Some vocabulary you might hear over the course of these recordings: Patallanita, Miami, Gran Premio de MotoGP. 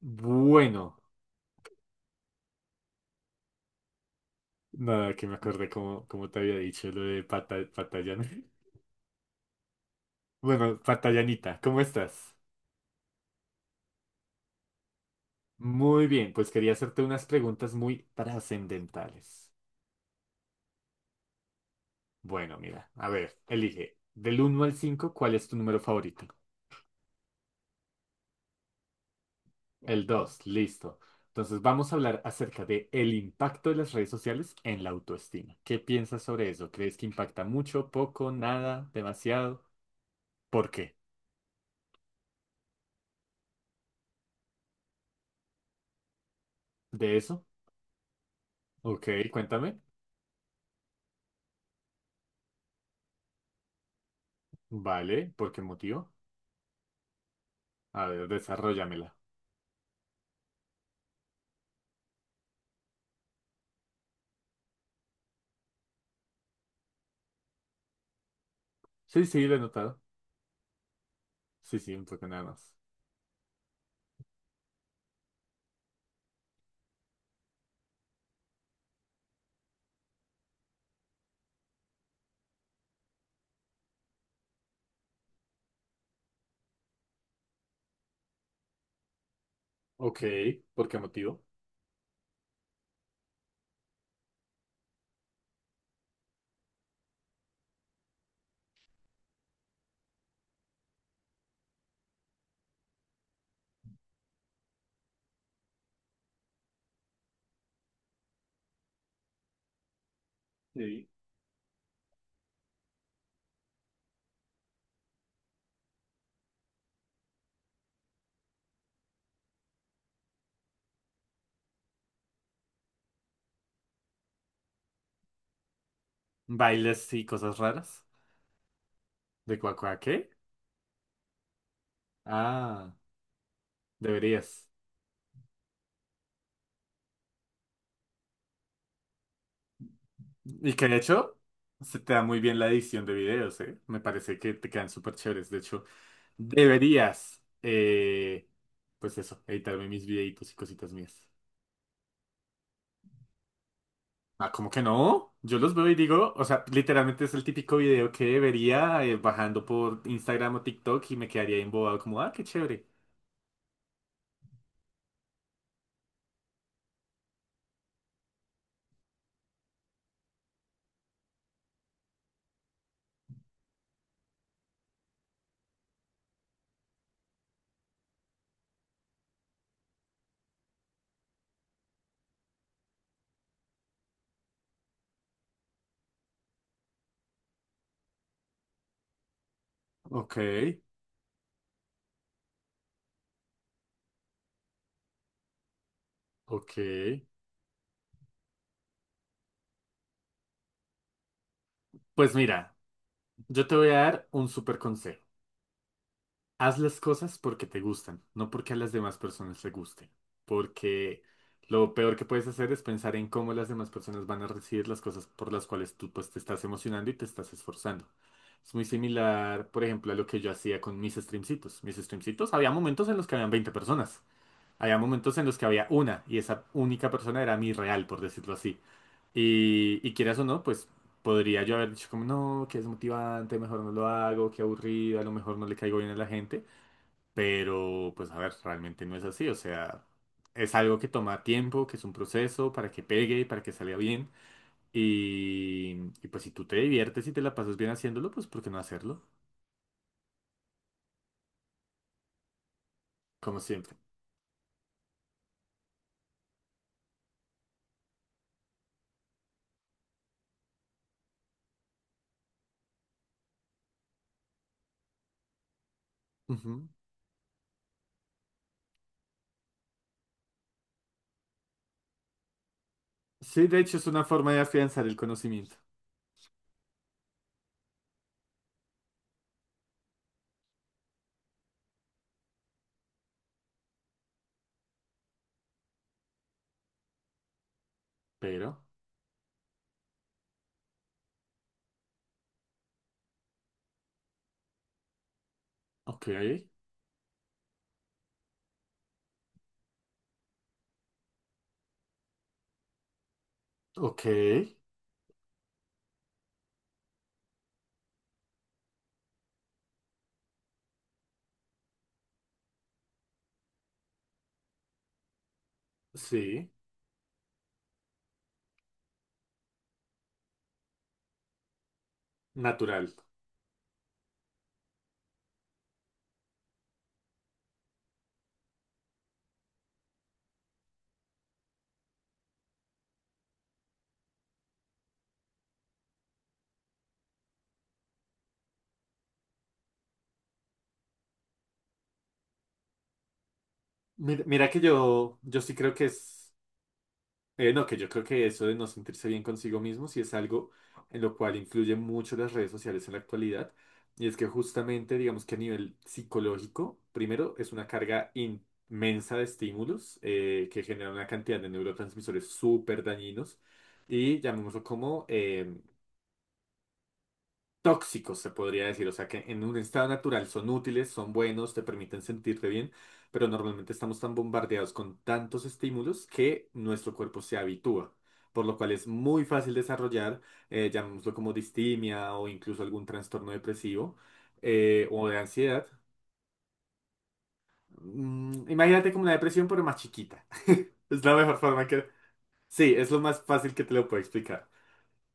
Bueno, nada, que me acordé como te había dicho lo de Patallán. Bueno, Patallanita, ¿cómo estás? Muy bien, pues quería hacerte unas preguntas muy trascendentales. Bueno, mira, a ver, elige. Del uno al 5, ¿cuál es tu número favorito? El 2, listo. Entonces vamos a hablar acerca de el impacto de las redes sociales en la autoestima. ¿Qué piensas sobre eso? ¿Crees que impacta mucho, poco, nada, demasiado? ¿Por qué? ¿De eso? Ok, cuéntame. Vale, ¿por qué motivo? A ver, desarróllamela. Sí, sí, lo he notado. Sí, sí, un poco nada más. Ok, ¿por qué motivo? Sí. ¿Bailes y cosas raras? ¿De cuacuá qué? Ah, deberías. Y que de hecho, se te da muy bien la edición de videos, ¿eh? Me parece que te quedan súper chéveres. De hecho, deberías, pues eso, editarme mis videitos y cositas mías. Ah, ¿cómo que no? Yo los veo y digo, o sea, literalmente es el típico video que vería bajando por Instagram o TikTok y me quedaría ahí embobado como, ah, qué chévere. Ok, ok. Pues mira, yo te voy a dar un súper consejo. Haz las cosas porque te gustan, no porque a las demás personas les guste. Porque lo peor que puedes hacer es pensar en cómo las demás personas van a recibir las cosas por las cuales tú pues te estás emocionando y te estás esforzando. Es muy similar, por ejemplo, a lo que yo hacía con mis streamcitos. Mis streamcitos, había momentos en los que habían 20 personas. Había momentos en los que había una y esa única persona era mi real, por decirlo así. Y quieras o no, pues podría yo haber dicho como, no, que es motivante, mejor no lo hago, qué aburrido, a lo mejor no le caigo bien a la gente. Pero, pues a ver, realmente no es así. O sea, es algo que toma tiempo, que es un proceso para que pegue, para que salga bien. Y, y pues si tú te diviertes y te la pasas bien haciéndolo, pues ¿por qué no hacerlo? Como siempre. Ujú. Sí, de hecho es una forma de afianzar el conocimiento. Pero, ok, ok, sí, natural. Mira, mira que yo sí creo que es. No, que yo creo que eso de no sentirse bien consigo mismo sí es algo en lo cual influyen mucho las redes sociales en la actualidad. Y es que justamente, digamos que a nivel psicológico, primero es una carga inmensa de estímulos que genera una cantidad de neurotransmisores súper dañinos y llamémoslo como tóxicos, se podría decir. O sea que en un estado natural son útiles, son buenos, te permiten sentirte bien, pero normalmente estamos tan bombardeados con tantos estímulos que nuestro cuerpo se habitúa. Por lo cual es muy fácil desarrollar, llamémoslo como distimia o incluso algún trastorno depresivo o de ansiedad. Imagínate como la depresión, pero más chiquita. Es la mejor forma que... Sí, es lo más fácil que te lo puedo explicar.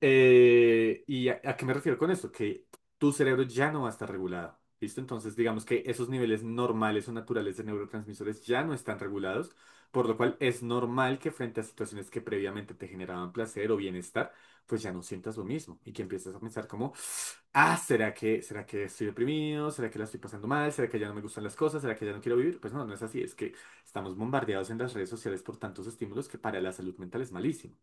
¿Y a qué me refiero con esto? Que tu cerebro ya no va a estar regulado. ¿Listo? Entonces, digamos que esos niveles normales o naturales de neurotransmisores ya no están regulados, por lo cual es normal que frente a situaciones que previamente te generaban placer o bienestar, pues ya no sientas lo mismo y que empieces a pensar como, ah, ¿será que estoy deprimido? ¿Será que la estoy pasando mal? ¿Será que ya no me gustan las cosas? ¿Será que ya no quiero vivir? Pues no, no es así, es que estamos bombardeados en las redes sociales por tantos estímulos que para la salud mental es malísimo.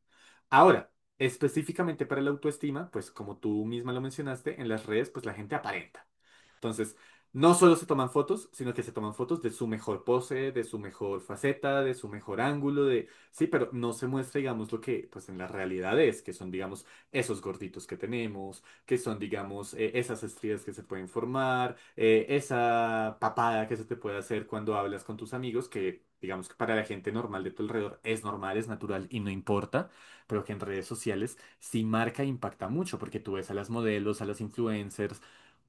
Ahora, específicamente para la autoestima, pues como tú misma lo mencionaste, en las redes pues la gente aparenta. Entonces, no solo se toman fotos, sino que se toman fotos de su mejor pose, de su mejor faceta, de su mejor ángulo, de... Sí, pero no se muestra, digamos, lo que pues en la realidad es, que son, digamos, esos gorditos que tenemos, que son, digamos, esas estrías que se pueden formar, esa papada que se te puede hacer cuando hablas con tus amigos, que digamos que para la gente normal de tu alrededor es normal, es natural y no importa, pero que en redes sociales sí marca e impacta mucho, porque tú ves a las modelos, a las influencers,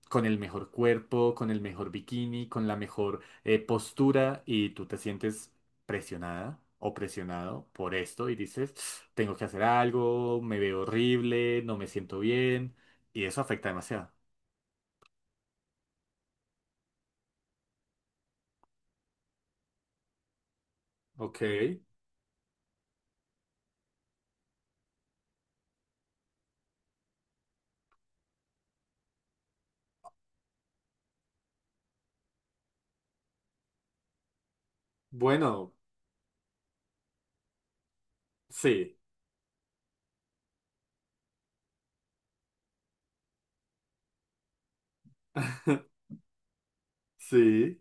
con el mejor cuerpo, con el mejor bikini, con la mejor postura y tú te sientes presionada o presionado por esto y dices, tengo que hacer algo, me veo horrible, no me siento bien y eso afecta demasiado. Ok, bueno, sí, sí.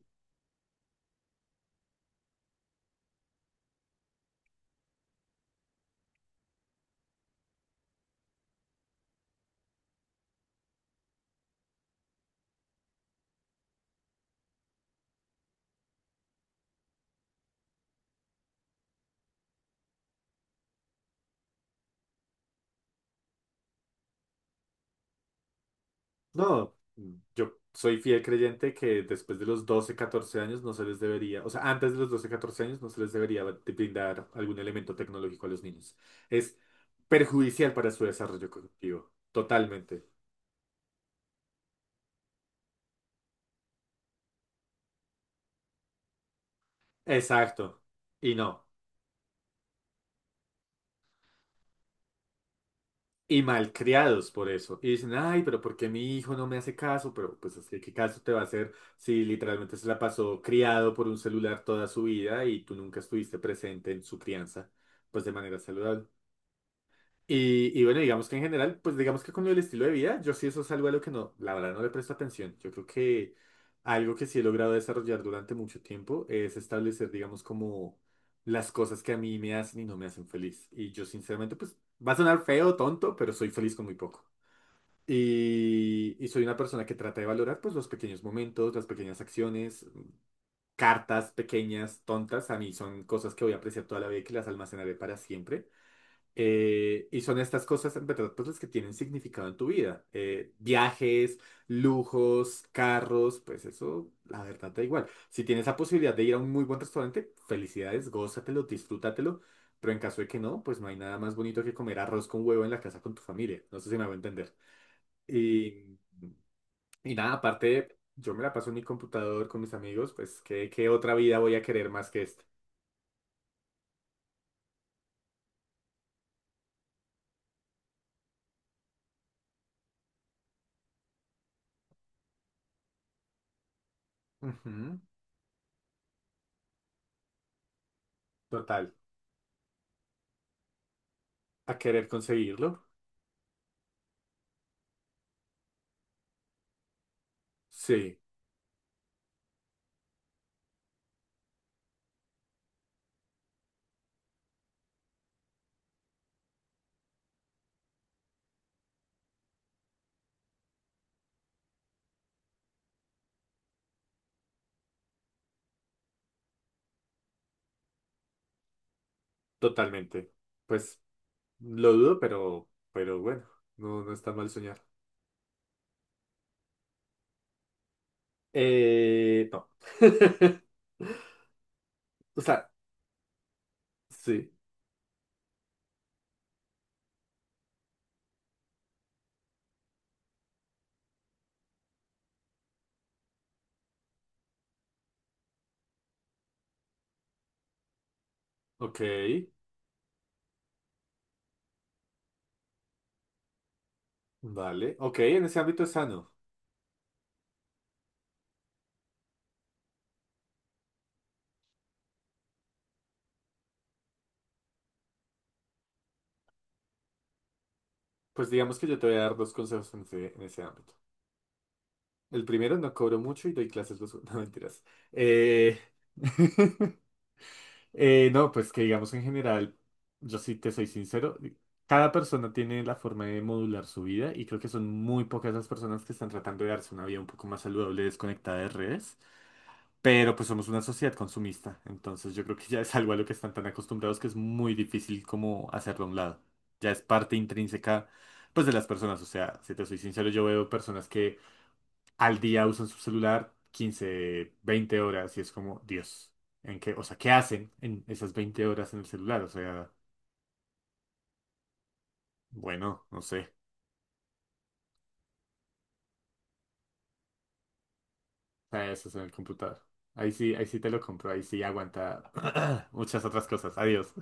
No, yo soy fiel creyente que después de los 12 14 años no se les debería, o sea, antes de los 12 14 años no se les debería de brindar algún elemento tecnológico a los niños. Es perjudicial para su desarrollo cognitivo, totalmente. Exacto. Y no. Y malcriados por eso. Y dicen, ay, pero ¿por qué mi hijo no me hace caso? Pero pues así, ¿qué caso te va a hacer si literalmente se la pasó criado por un celular toda su vida y tú nunca estuviste presente en su crianza, pues de manera saludable? Y bueno, digamos que en general, pues digamos que con lo del estilo de vida, yo sí eso es algo a lo que no, la verdad no le presto atención. Yo creo que algo que sí he logrado desarrollar durante mucho tiempo es establecer, digamos, como las cosas que a mí me hacen y no me hacen feliz. Y yo sinceramente, pues va a sonar feo, tonto, pero soy feliz con muy poco. Y soy una persona que trata de valorar, pues, los pequeños momentos, las pequeñas acciones, cartas pequeñas, tontas, a mí son cosas que voy a apreciar toda la vida y que las almacenaré para siempre. Y son estas cosas, en verdad, pues las que tienen significado en tu vida. Viajes, lujos, carros, pues eso, la verdad, da igual. Si tienes la posibilidad de ir a un muy buen restaurante, felicidades, gózatelo, disfrútatelo. Pero en caso de que no, pues no hay nada más bonito que comer arroz con huevo en la casa con tu familia. No sé si me va a entender. Y, y nada, aparte, yo me la paso en mi computador con mis amigos, pues ¿qué otra vida voy a querer más que esta? Ujú, total, a querer conseguirlo. Sí. Totalmente. Pues lo dudo, pero bueno, no, no está mal soñar. No. O sea, sí. Ok, vale. Ok, en ese ámbito es sano. Pues digamos que yo te voy a dar dos consejos en ese ámbito. El primero, no cobro mucho y doy clases los... No, mentiras. Eh, no, pues que digamos en general, yo sí te soy sincero, cada persona tiene la forma de modular su vida y creo que son muy pocas las personas que están tratando de darse una vida un poco más saludable, desconectada de redes, pero pues somos una sociedad consumista, entonces yo creo que ya es algo a lo que están tan acostumbrados que es muy difícil como hacerlo a un lado, ya es parte intrínseca pues de las personas, o sea, si te soy sincero, yo veo personas que al día usan su celular 15, 20 horas y es como, Dios, ¿en qué? O sea, ¿qué hacen en esas 20 horas en el celular? O sea, bueno, no sé, para eso es en el computador. Ahí sí te lo compro, ahí sí aguanta muchas otras cosas. Adiós.